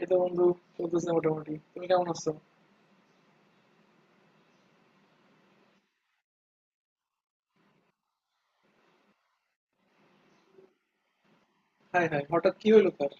এই তো বন্ধু, চলতেছে মোটামুটি। তুমি কেমন আছো? হাই হাই, হঠাৎ কি হলো তার?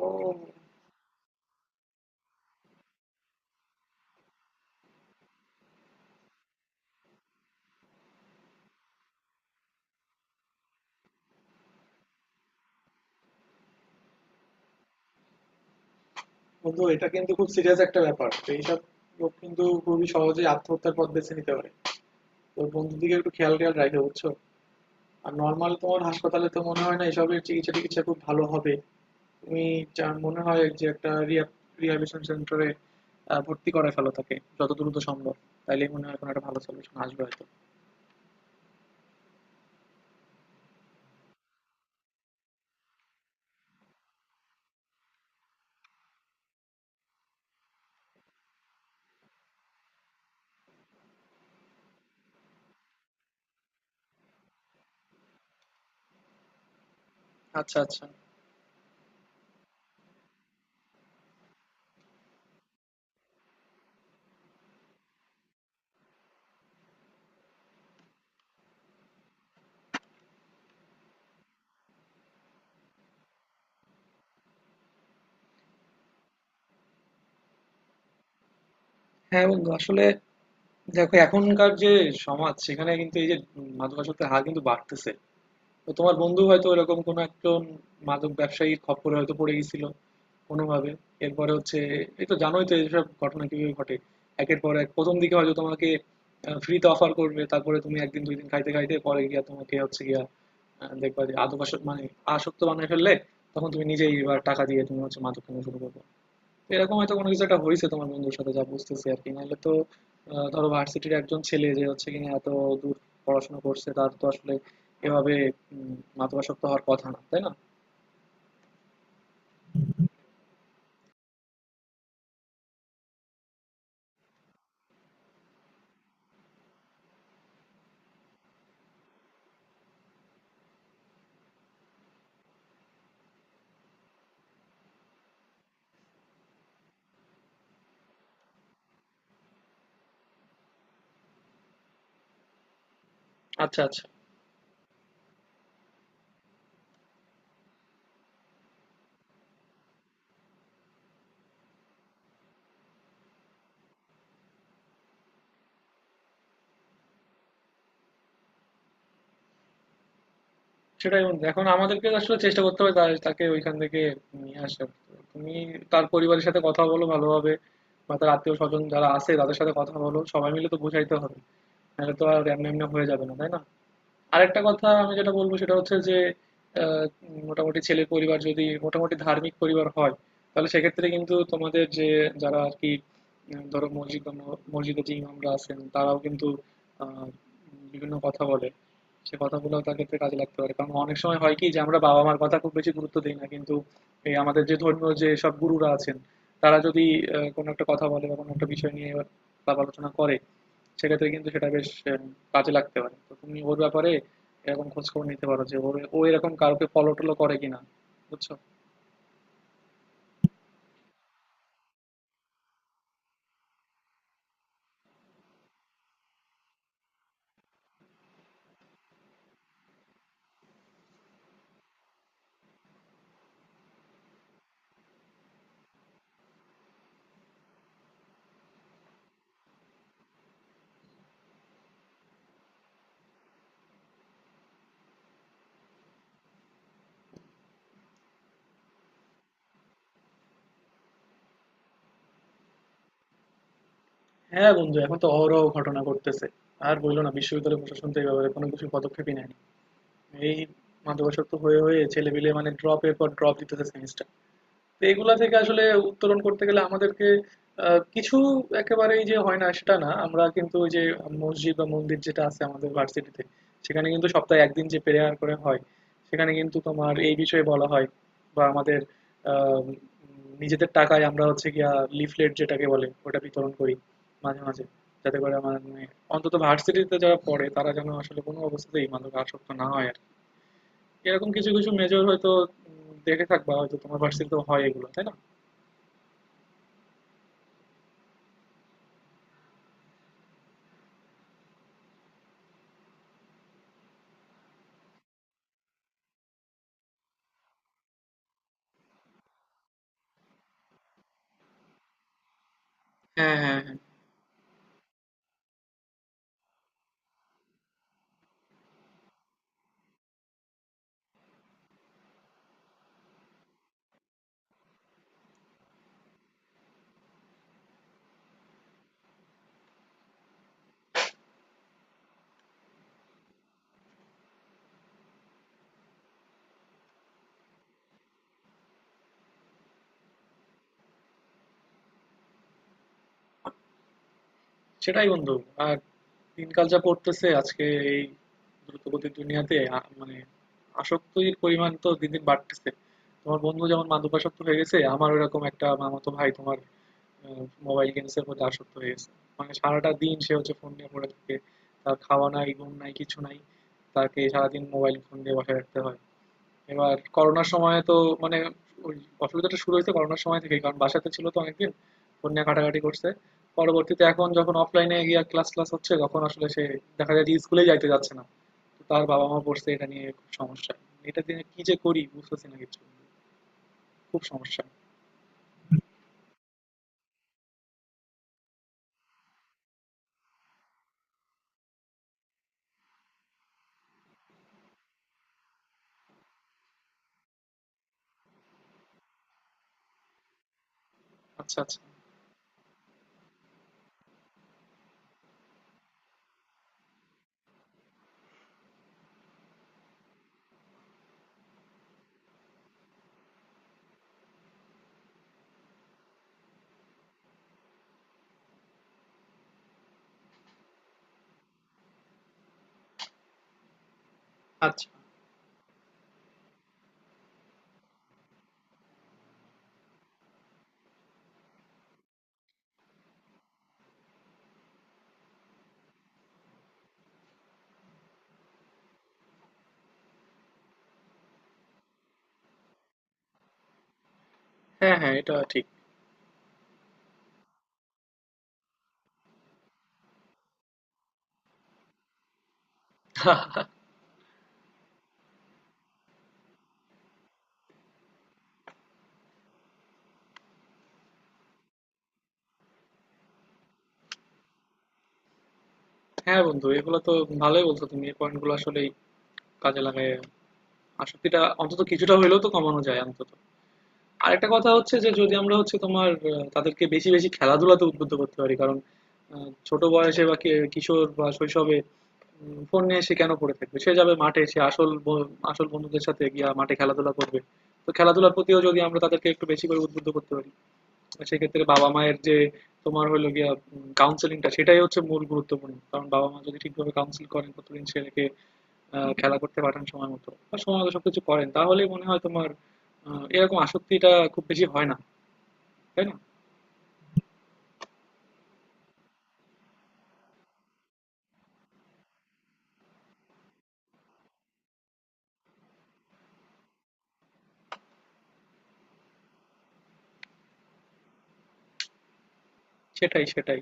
ও বন্ধু, এটা কিন্তু খুব সিরিয়াস একটা ব্যাপার। তো এইসব লোক কিন্তু খুবই সহজে আত্মহত্যার পথ বেছে নিতে পারে। তো বন্ধুদিকে একটু খেয়াল খেয়াল রাখবে, বুঝছো? আর নর্মাল তোমার হাসপাতালে তো মনে হয় না এসবের চিকিৎসা টিকিৎসা খুব ভালো হবে। তুমি যা মনে হয় যে একটা রিহ্যাবিলিটেশন সেন্টারে ভর্তি করে ফেলো তাকে যত দ্রুত সম্ভব। তাইলে মনে হয় কোনো একটা ভালো সলিউশন আসবে হয়তো। আচ্ছা আচ্ছা। হ্যাঁ বন্ধু, আসলে দেখো এখনকার যে সমাজ, সেখানে কিন্তু এই যে মাদকাসক্তের হার কিন্তু বাড়তেছে। তো তোমার বন্ধু হয়তো এরকম কোনো একজন মাদক ব্যবসায়ীর খপ্পরে হয়তো পড়ে গেছিল কোনোভাবে। এরপরে হচ্ছে, এই তো জানোই তো এইসব ঘটনা কিভাবে ঘটে। একের পর এক প্রথম দিকে হয়তো তোমাকে ফ্রিতে অফার করবে, তারপরে তুমি একদিন দুই দিন খাইতে খাইতে পরে গিয়া তোমাকে হচ্ছে গিয়া দেখবা যে আদকাসক্ত মানে আসক্ত বানিয়ে ফেললে, তখন তুমি নিজেই এবার টাকা দিয়ে তুমি হচ্ছে মাদক কিনে শুরু করবে। তো এরকম হয়তো কোনো কিছু একটা হয়েছে তোমার বন্ধুর সাথে, যা বুঝতেছি আর কি। নাহলে তো ধরো ভার্সিটির একজন ছেলে যে হচ্ছে কিনা এত দূর পড়াশোনা করছে, তার তো আসলে এভাবে মাদকাসক্ত হওয়ার কথা না, তাই না? আচ্ছা আচ্ছা। সেটাই বন্ধু, এখন আমাদেরকে আসলে চেষ্টা করতে হবে তাকে ওইখান থেকে নিয়ে আসার। তুমি তার পরিবারের সাথে কথা বলো ভালোভাবে, বা তার আত্মীয় স্বজন যারা আছে তাদের সাথে কথা বলো। সবাই মিলে তো বোঝাইতে হবে, নাহলে তো আর এমনি এমনি হয়ে যাবে না, তাই না? আরেকটা কথা আমি যেটা বলবো, সেটা হচ্ছে যে মোটামুটি ছেলের পরিবার যদি মোটামুটি ধার্মিক পরিবার হয়, তাহলে সেক্ষেত্রে কিন্তু তোমাদের যে যারা আর কি, ধরো মসজিদ বা মসজিদে যে ইমামরা আছেন তারাও কিন্তু আহ, বিভিন্ন কথা বলে। সে কথাগুলো তার ক্ষেত্রে কাজে লাগতে পারে, কারণ অনেক সময় হয় কি যে আমরা বাবা মার কথা খুব বেশি গুরুত্ব দিই না, কিন্তু এই আমাদের যে ধর্মীয় যে সব গুরুরা আছেন, তারা যদি কোনো একটা কথা বলে বা কোনো একটা বিষয় নিয়ে আলাপ আলোচনা করে, সেক্ষেত্রে কিন্তু সেটা বেশ কাজে লাগতে পারে। তো তুমি ওর ব্যাপারে এরকম খোঁজ খবর নিতে পারো যে ওর ও এরকম কাউকে ফলো টলো করে কিনা, বুঝছো? হ্যাঁ বন্ধু, এখন তো অহরহ ঘটনা ঘটতেছে। আর বললো না, বিশ্ববিদ্যালয় প্রশাসন তো এই ব্যাপারে কোনো কিছু পদক্ষেপই নেয়নি। এই মাদকাসক্ত হয়ে হয়ে ছেলেপিলে মানে ড্রপের পর ড্রপ দিতেছে সেমিস্টার। তো এগুলা থেকে আসলে উত্তরণ করতে গেলে আমাদেরকে কিছু, একেবারেই যে হয় না সেটা না। আমরা কিন্তু ওই যে মসজিদ বা মন্দির যেটা আছে আমাদের ভার্সিটিতে, সেখানে কিন্তু সপ্তাহে একদিন যে প্রেয়ার করে হয় সেখানে কিন্তু তোমার এই বিষয়ে বলা হয়। বা আমাদের আহ, উম, নিজেদের টাকায় আমরা হচ্ছে গিয়া লিফলেট যেটাকে বলে ওটা বিতরণ করি মাঝে মাঝে, যাতে করে আমার মানে অন্তত ভার্সিটিতে যারা পড়ে তারা যেন আসলে কোনো অবস্থাতেই মাদক আসক্ত না হয় আর কি। এরকম কিছু কিছু মেজর হয়তো দেখে থাকবা, হয়তো তোমার ভার্সিটিতেও হয় এগুলো, তাই না? হ্যাঁ, হ্যাঁ, হ্যাঁ। সেটাই বন্ধু। আর দিনকাল যা পড়তেছে আজকে, এই দ্রুতগতির দুনিয়াতে মানে আসক্তির পরিমাণ তো দিন দিন বাড়তেছে। তোমার বন্ধু যেমন মাদকাসক্ত হয়ে গেছে, আমার ওইরকম একটা মামাতো ভাই তোমার মোবাইল গেমস এর প্রতি আসক্ত হয়ে গেছে। মানে সারাটা দিন সে হচ্ছে ফোন নিয়ে পড়ে থাকে। তার খাওয়া নাই, ঘুম নাই, কিছু নাই। তাকে সারাদিন মোবাইল ফোন দিয়ে বসে রাখতে হয়। এবার করোনার সময়ে তো মানে ওই অসুবিধাটা শুরু হয়েছে করোনার সময় থেকেই, কারণ বাসাতে ছিল তো অনেকদিন, ফোন নিয়ে ঘাটাঘাটি করছে। পরবর্তীতে এখন যখন অফলাইনে গিয়ে ক্লাস ক্লাস হচ্ছে তখন আসলে সে দেখা যায় যে স্কুলে যাইতে যাচ্ছে না। তো তার বাবা মা পড়ছে এটা নিয়ে খুব সমস্যা। এটা দিয়ে কি যে করি বুঝতেছি না কিছু, খুব সমস্যা। আচ্ছা আচ্ছা। আচ্ছা। হ্যাঁ হ্যাঁ এটা ঠিক। হ্যাঁ বন্ধু, এগুলো তো ভালোই বলছো তুমি। এই পয়েন্টগুলো আসলে কাজে লাগায় আসক্তিটা অন্তত কিছুটা হইলেও তো কমানো যায় অন্তত। আরেকটা কথা হচ্ছে যে, যদি আমরা হচ্ছে তোমার তাদেরকে বেশি বেশি খেলাধুলাতে উদ্বুদ্ধ করতে পারি, কারণ ছোট বয়সে বা কিশোর বা শৈশবে ফোন নিয়ে সে কেন পড়ে থাকবে। সে যাবে মাঠে, সে আসল আসল বন্ধুদের সাথে গিয়া মাঠে খেলাধুলা করবে। তো খেলাধুলার প্রতিও যদি আমরা তাদেরকে একটু বেশি করে উদ্বুদ্ধ করতে পারি, সেক্ষেত্রে বাবা মায়ের যে তোমার হলো গিয়া কাউন্সেলিংটা সেটাই হচ্ছে মূল গুরুত্বপূর্ণ। কারণ বাবা মা যদি ঠিকভাবে কাউন্সিল করেন প্রতিদিন ছেলেকে, খেলা করতে পাঠান সময় মতো বা সময় মতো সবকিছু করেন, তাহলেই মনে হয় তোমার এরকম আসক্তিটা খুব বেশি হয় না, তাই না? সেটাই সেটাই।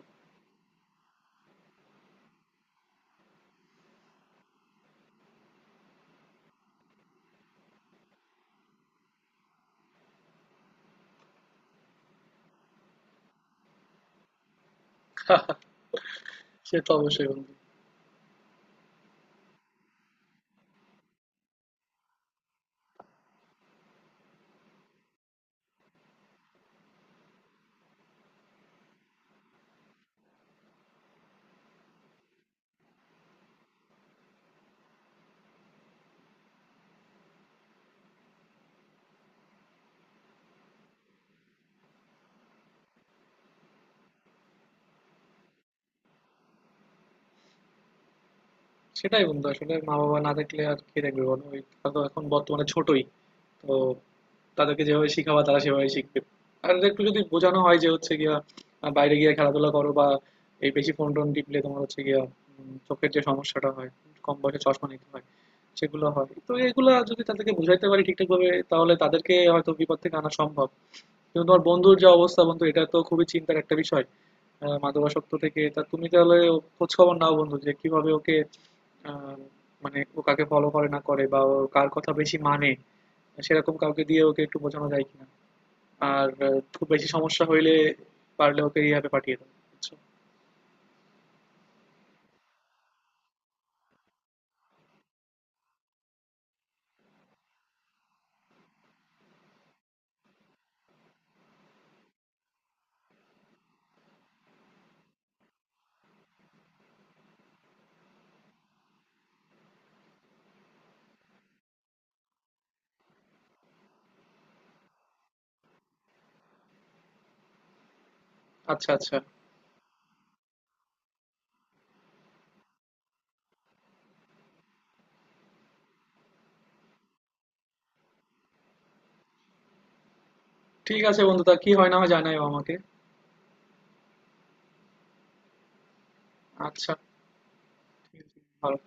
সে তো অবশ্যই বন্ধু। সেটাই বন্ধু, আসলে মা বাবা না থাকলে আর কে দেখবে বলো। ওই তারা তো এখন বর্তমানে ছোটই, তো তাদেরকে যেভাবে শিখাবা তারা সেভাবে শিখবে। আর একটু যদি বোঝানো হয় যে হচ্ছে গিয়া বাইরে গিয়ে খেলাধুলা করো, বা এই বেশি ফোন টোন টিপলে তোমার হচ্ছে গিয়া চোখের যে সমস্যাটা হয়, কম বয়সে চশমা নিতে হয় সেগুলো হয়। তো এগুলা যদি তাদেরকে বুঝাইতে পারি ঠিকঠাক ভাবে, তাহলে তাদেরকে হয়তো বিপদ থেকে আনা সম্ভব। কিন্তু তোমার বন্ধুর যে অবস্থা বন্ধু, এটা তো খুবই চিন্তার একটা বিষয়। মাদকাসক্ত থেকে তা তুমি তাহলে খোঁজ খবর নাও বন্ধু, যে কিভাবে ওকে আহ, মানে ও কাকে ফলো করে না করে, বা ও কার কথা বেশি মানে, সেরকম কাউকে দিয়ে ওকে একটু বোঝানো যায় কিনা। আর খুব বেশি সমস্যা হইলে পারলে ওকে রিহ্যাবে পাঠিয়ে দাও, বুঝছো? আচ্ছা আচ্ছা, ঠিক আছে বন্ধু, তা কি হয় না হয় জানাইও আমাকে। আচ্ছা, ঠিক আছে, ভালো